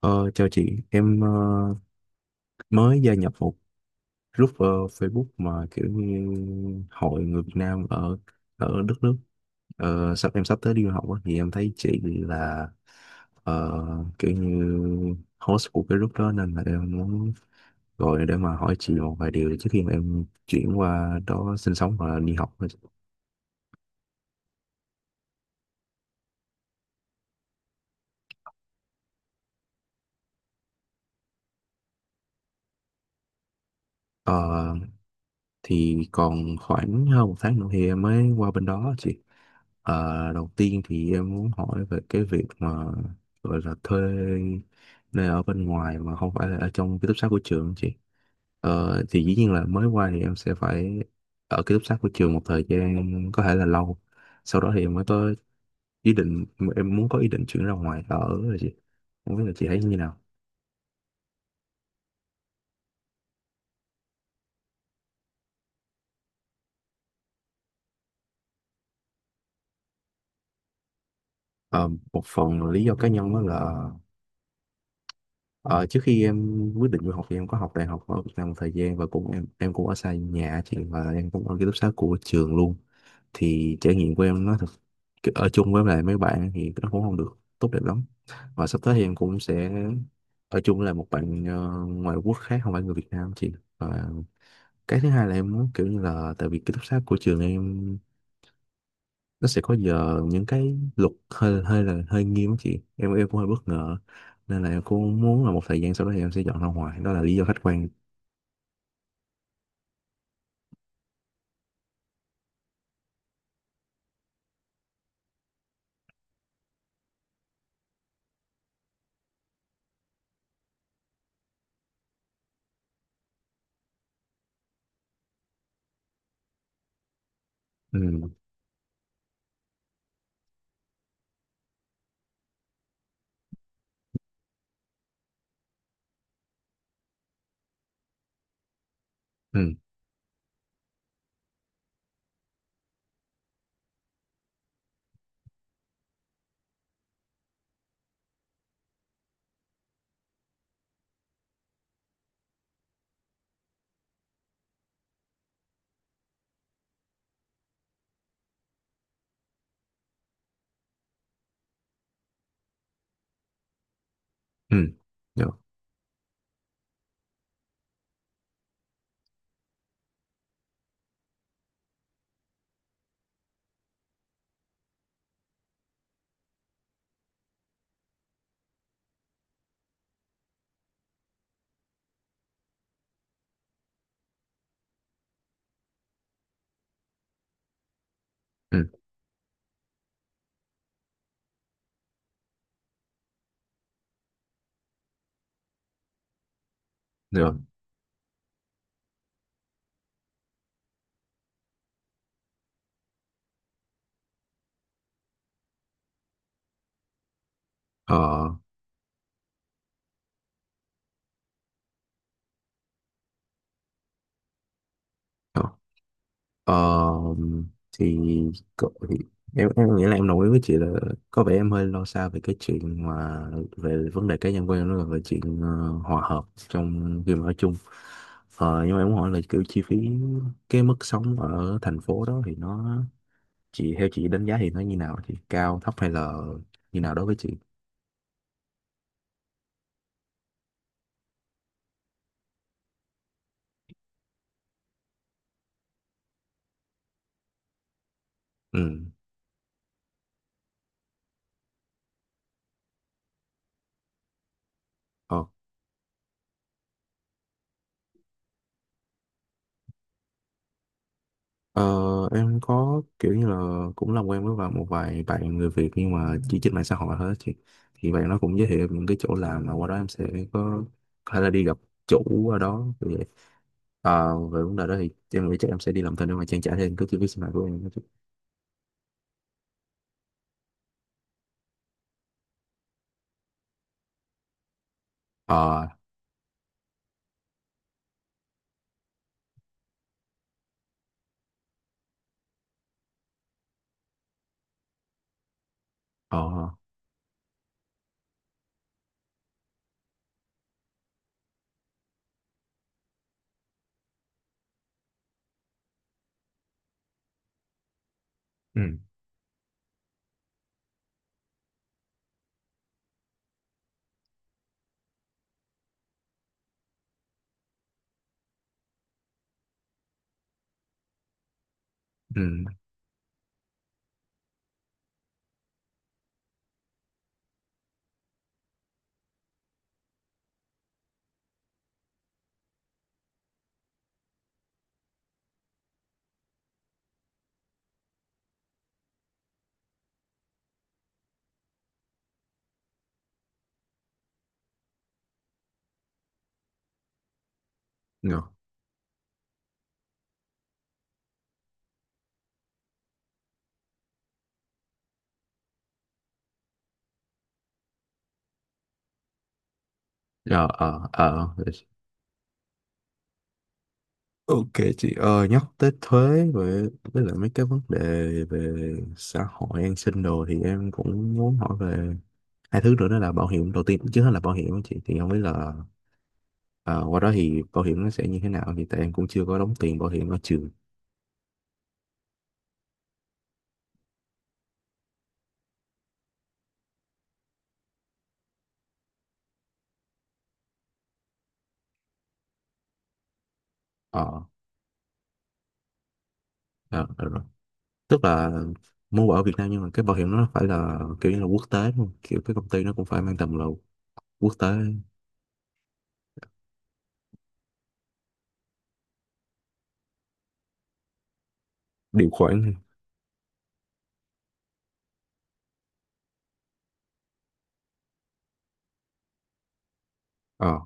Ờ, Chào chị, em mới gia nhập một group, Facebook, mà kiểu như hội người Việt Nam ở ở đất nước sắp tới đi du học á, thì em thấy chị là, ờ, kiểu như host của cái group đó, nên là em muốn gọi để mà hỏi chị một vài điều trước khi mà em chuyển qua đó sinh sống và đi học. Ờ, thì còn khoảng hơn một tháng nữa thì em mới qua bên đó chị. Đầu tiên thì em muốn hỏi về cái việc mà gọi là thuê nơi ở bên ngoài mà không phải là ở trong ký túc xá của trường chị. Thì dĩ nhiên là mới qua thì em sẽ phải ở ký túc xá của trường một thời gian, có thể là lâu, sau đó thì em mới có ý định, em muốn có ý định chuyển ra ngoài ở, rồi chị không biết là chị thấy như nào. Ờ, Một phần lý do cá nhân đó là, Ờ, trước khi em quyết định du học thì em có học đại học ở Việt Nam một thời gian, và cũng em cũng ở xa nhà chị, và em cũng ở ký túc xá của trường luôn. Thì trải nghiệm của em nó thật, ở chung với lại mấy bạn thì nó cũng không được tốt đẹp lắm. Và sắp tới thì em cũng sẽ ở chung với lại một bạn ngoại quốc khác, không phải người Việt Nam chị. Và cái thứ hai là em muốn kiểu như là, tại vì ký túc xá của trường em nó sẽ có giờ, những cái luật hơi hơi là hơi nghiêm á chị, em cũng hơi bất ngờ, nên là em cũng muốn là một thời gian sau đó thì em sẽ dọn ra ngoài, đó là lý do khách quan. Ừ. Ừ. Ừ. Được. Ừ. Được. Ờ. Ờ. ờ, thì, cậu- thì Em nghĩ là em đồng ý với chị là có vẻ em hơi lo xa về cái chuyện mà, về vấn đề cá nhân của em, nó là về chuyện hòa hợp trong khi mà ở chung. Nhưng mà em muốn hỏi là kiểu chi phí, cái mức sống ở thành phố đó thì nó, theo chị đánh giá thì nó như nào, thì cao thấp hay là như nào đối với chị. Ừ. ờ, ờ em có kiểu như là cũng làm quen với vài một vài bạn người Việt nhưng mà chỉ trên mạng xã hội thôi á chị. Thì bạn nó cũng giới thiệu em những cái chỗ làm mà qua đó em sẽ có có thể là đi gặp chủ ở đó như vậy. Ờ, về vấn đề đó thì em nghĩ chắc em sẽ đi làm thêm để mà trang trải thêm cái chi phí sinh hoạt của em đó chị. Ờ. Ờ. Ừ. Ừ. Rồi. Ờ. Ok. Chị ơi, nhắc tới thuế với lại mấy cái vấn đề về xã hội an sinh đồ, thì em cũng muốn hỏi về hai thứ nữa, đó là bảo hiểm. Đầu tiên trước hết là bảo hiểm á chị, thì không biết là ờ, qua đó thì bảo hiểm nó sẽ như thế nào, thì tại em cũng chưa có đóng tiền bảo hiểm ở trường. Ờ. Ờ, rồi. Tức là muốn bảo ở Việt Nam nhưng mà cái bảo hiểm nó phải là kiểu như là quốc tế luôn, kiểu cái công ty nó cũng phải mang tầm là quốc tế. Điều khoản. Ờ.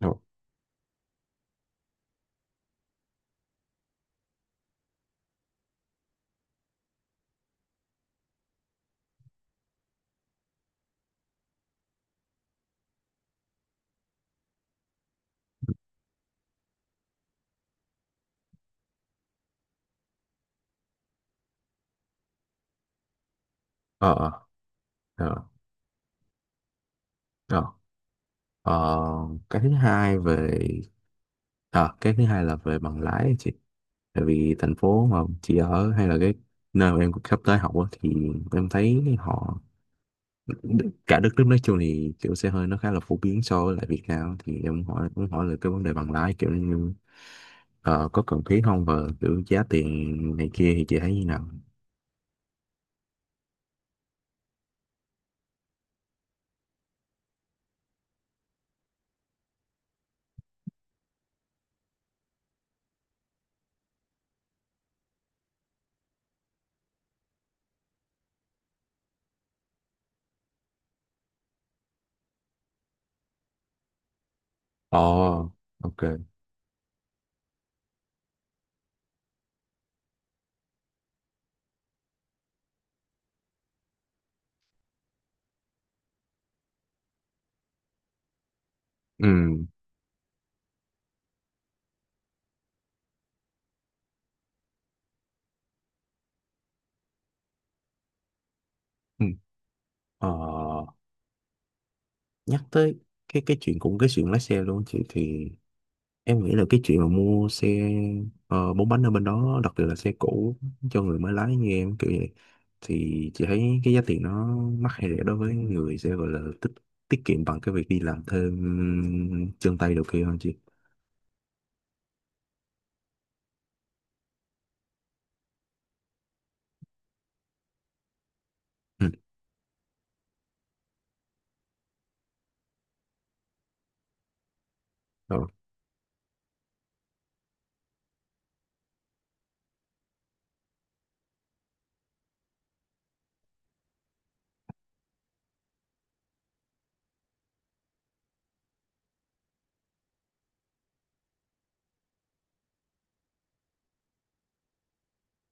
Ờ. Ờ. Ờ. Ờ. Ờ. Ờ, cái thứ hai về cái thứ hai là về bằng lái á chị. Tại vì thành phố mà chị ở hay là cái nơi mà em sắp tới học á, thì em thấy họ, cả đất nước nói chung thì kiểu xe hơi nó khá là phổ biến so với lại Việt Nam. Thì em muốn hỏi là cái vấn đề bằng lái kiểu như có cần thiết không, và kiểu giá tiền này kia thì chị thấy như nào. Ồ, ok. Ừ. Ừ. Ờ, nhắc tới cái chuyện, cũng cái chuyện lái xe luôn chị, thì em nghĩ là cái chuyện mà mua xe bốn bánh ở bên đó, đặc biệt là xe cũ cho người mới lái như em kiểu vậy, thì chị thấy cái giá tiền nó mắc hay rẻ đối với người sẽ gọi là tiết kiệm bằng cái việc đi làm thêm chân tay đầu kia hơn chị. Ừ. Rồi.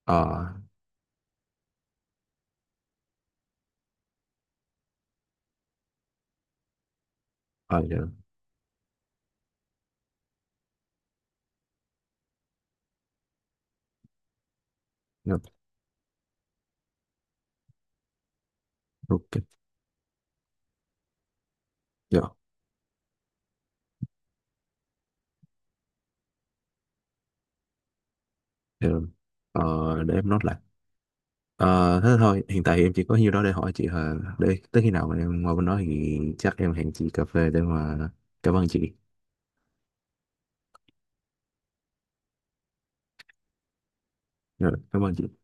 Ờ. Ờ. Dạ. Dạ. Ok. Dạ. Dạ, rồi. Ờ, để em nói lại. Ờ, thế thôi. Hiện tại thì em chỉ có nhiêu đó để hỏi chị hả? Để tới khi nào mà em qua bên đó thì chắc em hẹn chị cà phê để mà cảm ơn chị. Rồi. Cảm ơn chị.